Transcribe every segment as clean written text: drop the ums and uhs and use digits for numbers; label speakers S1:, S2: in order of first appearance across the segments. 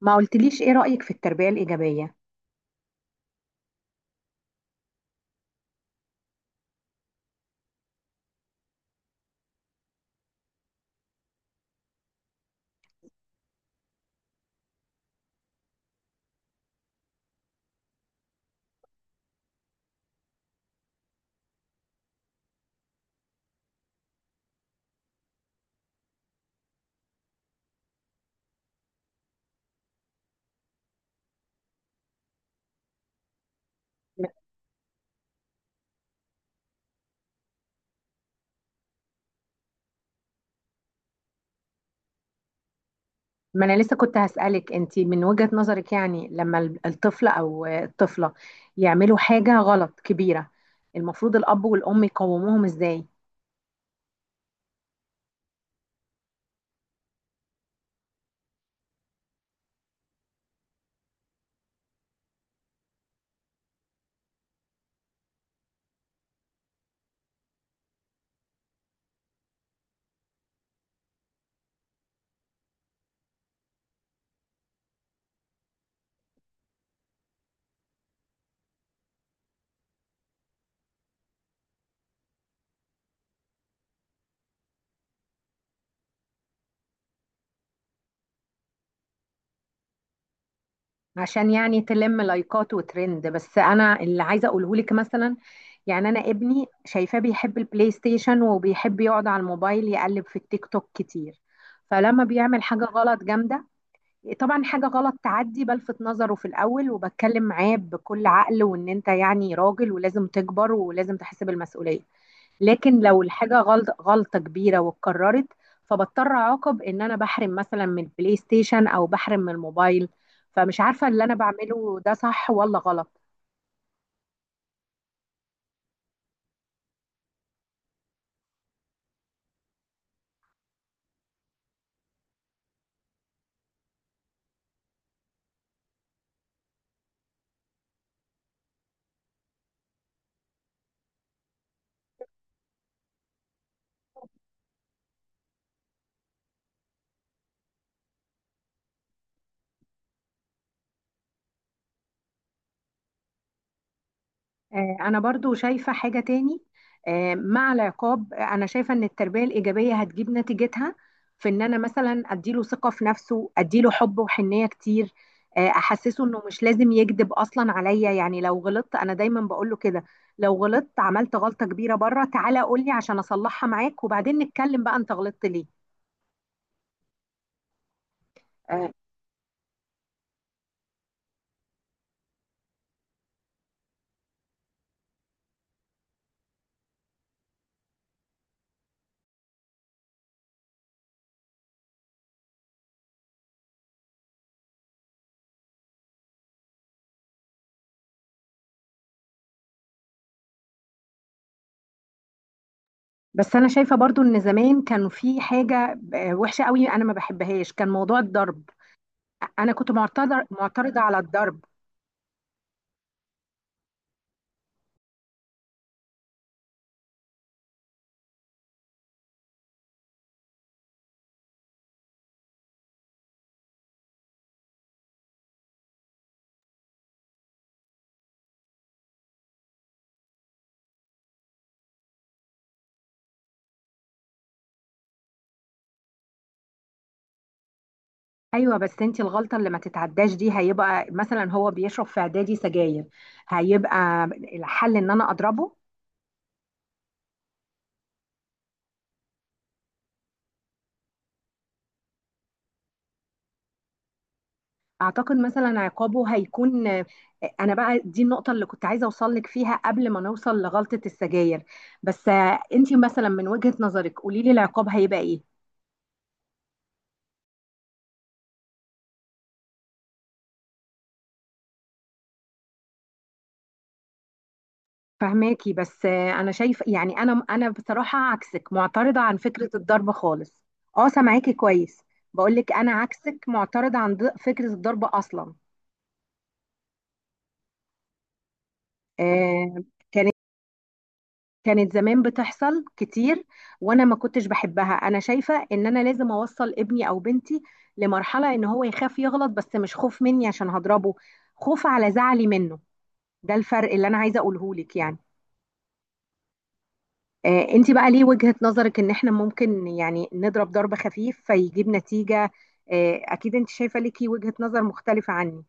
S1: ما قلتليش ايه رأيك في التربية الإيجابية؟ ما انا لسه كنت هسألك، انتي من وجهة نظرك لما الطفل او الطفلة يعملوا حاجة غلط كبيرة، المفروض الأب والأم يقوموهم ازاي؟ عشان تلم لايكات وترند. بس انا اللي عايزه اقوله لك مثلا، يعني انا ابني شايفاه بيحب البلاي ستيشن وبيحب يقعد على الموبايل يقلب في التيك توك كتير. فلما بيعمل حاجه غلط جامده، طبعا حاجه غلط تعدي بلفت نظره في الاول وبتكلم معاه بكل عقل، وان انت يعني راجل ولازم تكبر ولازم تحس بالمسؤوليه. لكن لو الحاجة غلط غلطة كبيرة واتكررت، فبضطر أعاقب، إن أنا بحرم مثلا من البلاي ستيشن أو بحرم من الموبايل. فمش عارفة اللي أنا بعمله ده صح ولا غلط. أنا برضو شايفة حاجة تاني، مع العقاب. أنا شايفة إن التربية الإيجابية هتجيب نتيجتها في إن أنا مثلا أديله ثقة في نفسه، أديله حب وحنية كتير. أحسسه إنه مش لازم يكذب أصلا عليا. يعني لو غلطت أنا دايما بقوله كده، لو غلطت عملت غلطة كبيرة بره، تعالى قولي عشان أصلحها معاك وبعدين نتكلم بقى أنت غلطت ليه. آه، بس أنا شايفة برضو إن زمان كان في حاجة وحشة قوي أنا ما بحبهاش، كان موضوع الضرب. أنا كنت معترضة، معترضة على الضرب. ايوه، بس انت الغلطه اللي ما تتعداش دي، هيبقى مثلا هو بيشرب في اعدادي سجاير، هيبقى الحل ان انا اضربه؟ اعتقد مثلا عقابه هيكون، انا بقى دي النقطه اللي كنت عايزه اوصل لك فيها قبل ما نوصل لغلطه السجاير، بس انت مثلا من وجهه نظرك قولي لي العقاب هيبقى ايه. فهماكي، بس انا شايف، يعني انا بصراحه عكسك، معترضه عن فكره الضرب خالص. اه، سامعاكي كويس. بقول لك انا عكسك معترضه عن فكره الضرب اصلا. آه، كانت زمان بتحصل كتير، وانا ما كنتش بحبها. انا شايفة ان انا لازم اوصل ابني او بنتي لمرحلة ان هو يخاف يغلط، بس مش خوف مني عشان هضربه، خوف على زعلي منه. ده الفرق اللي انا عايزة اقوله لك يعني. آه، انت بقى ليه وجهة نظرك ان احنا ممكن يعني نضرب ضرب خفيف فيجيب نتيجة؟ آه اكيد انت شايفة ليكي وجهة نظر مختلفة عني.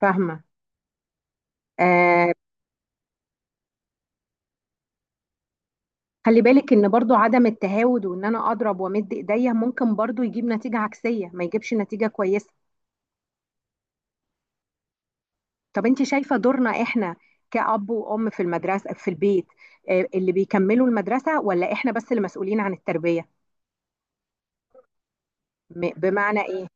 S1: فاهمة. آه، خلي بالك ان برضو عدم التهاود وان انا اضرب وامد ايديا ممكن برضو يجيب نتيجة عكسية، ما يجيبش نتيجة كويسة. طب انت شايفة دورنا احنا كأب وأم في المدرسة في البيت، اللي بيكملوا المدرسة، ولا احنا بس اللي مسؤولين عن التربية؟ بمعنى ايه؟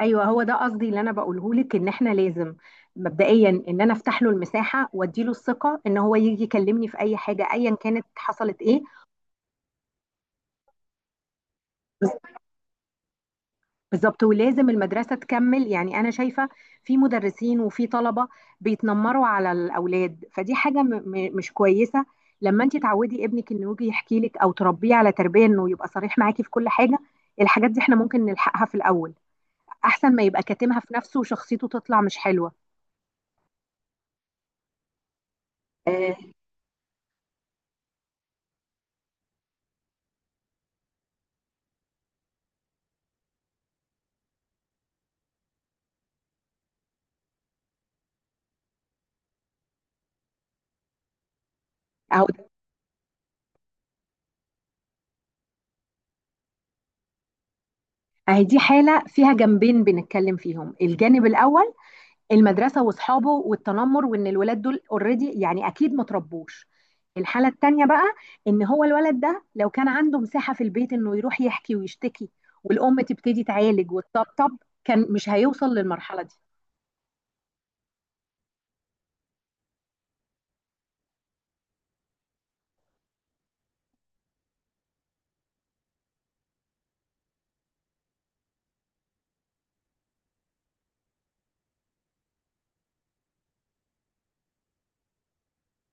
S1: ايوه، هو ده قصدي اللي انا بقوله لك، ان احنا لازم مبدئيا ان انا افتح له المساحة وادي له الثقة ان هو يجي يكلمني في اي حاجة ايا كانت، حصلت ايه. بالظبط، ولازم المدرسة تكمل. يعني أنا شايفة في مدرسين وفي طلبة بيتنمروا على الأولاد، فدي حاجة م م مش كويسة. لما أنت تعودي ابنك إنه يجي يحكي لك، أو تربيه على تربية إنه يبقى صريح معاكي في كل حاجة، الحاجات دي إحنا ممكن نلحقها في الأول، أحسن ما يبقى كاتمها في نفسه وشخصيته تطلع مش حلوة. آه، أهو. أهي دي حالة فيها جنبين بنتكلم فيهم. الجانب الأول، المدرسه واصحابه والتنمر، وان الولاد دول اوريدي يعني اكيد ما تربوش. الحاله التانيه بقى، ان هو الولد ده لو كان عنده مساحه في البيت انه يروح يحكي ويشتكي والام تبتدي تعالج وتطبطب، كان مش هيوصل للمرحله دي.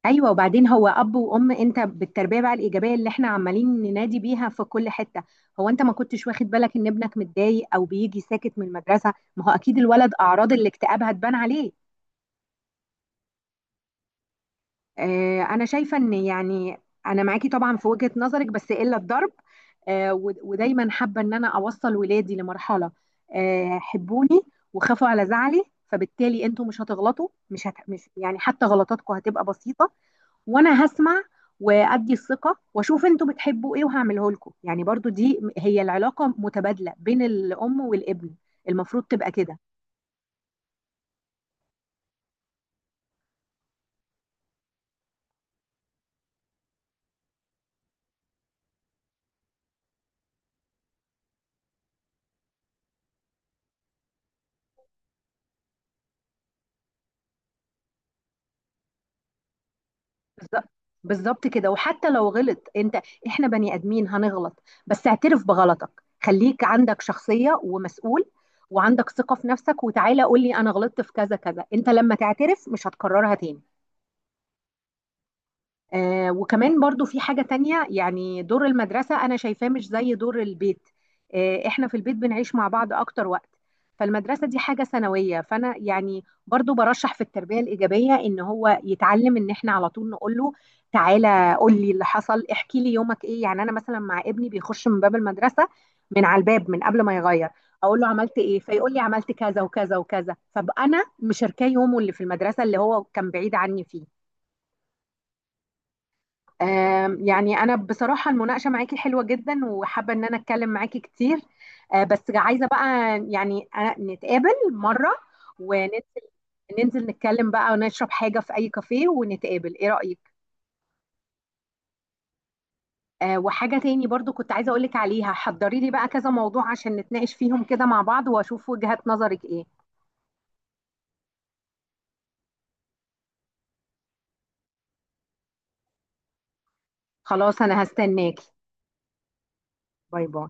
S1: ايوه، وبعدين هو اب وام، انت بالتربيه بقى الايجابيه اللي احنا عمالين ننادي بيها في كل حته، هو انت ما كنتش واخد بالك ان ابنك متضايق او بيجي ساكت من المدرسه؟ ما هو اكيد الولد اعراض الاكتئاب هتبان عليه. انا شايفه ان يعني انا معاكي طبعا في وجهه نظرك بس الا الضرب. ودايما حابه ان انا اوصل ولادي لمرحله حبوني وخافوا على زعلي، فبالتالي انتوا مش هتغلطوا، مش مش يعني حتى غلطاتكم هتبقى بسيطه، وانا هسمع وادي الثقه واشوف انتوا بتحبوا ايه وهعمله لكم. يعني برضو دي هي العلاقه متبادله بين الام والابن، المفروض تبقى كده. بالظبط. بالظبط كده. وحتى لو غلط انت، احنا بني ادمين هنغلط، بس اعترف بغلطك، خليك عندك شخصية ومسؤول، وعندك ثقة في نفسك، وتعالى قول لي انا غلطت في كذا كذا. انت لما تعترف مش هتكررها تاني. آه، وكمان برضو في حاجة تانية، يعني دور المدرسة أنا شايفاه مش زي دور البيت. آه، إحنا في البيت بنعيش مع بعض أكتر وقت، فالمدرسة دي حاجة ثانوية. فأنا يعني برضو برشح في التربية الإيجابية إن هو يتعلم إن إحنا على طول نقول له تعالى قول لي اللي حصل، احكي لي يومك إيه. يعني أنا مثلا مع ابني، بيخش من باب المدرسة من على الباب من قبل ما يغير اقول له عملت ايه، فيقول لي عملت كذا وكذا وكذا، فانا مشاركاه يومه اللي في المدرسه اللي هو كان بعيد عني فيه. يعني أنا بصراحة المناقشة معاكي حلوة جدا، وحابة إن أنا أتكلم معاكي كتير. بس عايزة بقى يعني أنا نتقابل مرة وننزل، ننزل نتكلم بقى ونشرب حاجة في أي كافيه ونتقابل، إيه رأيك؟ وحاجة تاني برضو كنت عايزة أقولك عليها، حضري لي بقى كذا موضوع عشان نتناقش فيهم كده مع بعض وأشوف وجهات نظرك إيه. خلاص، أنا هستناكي. باي باي.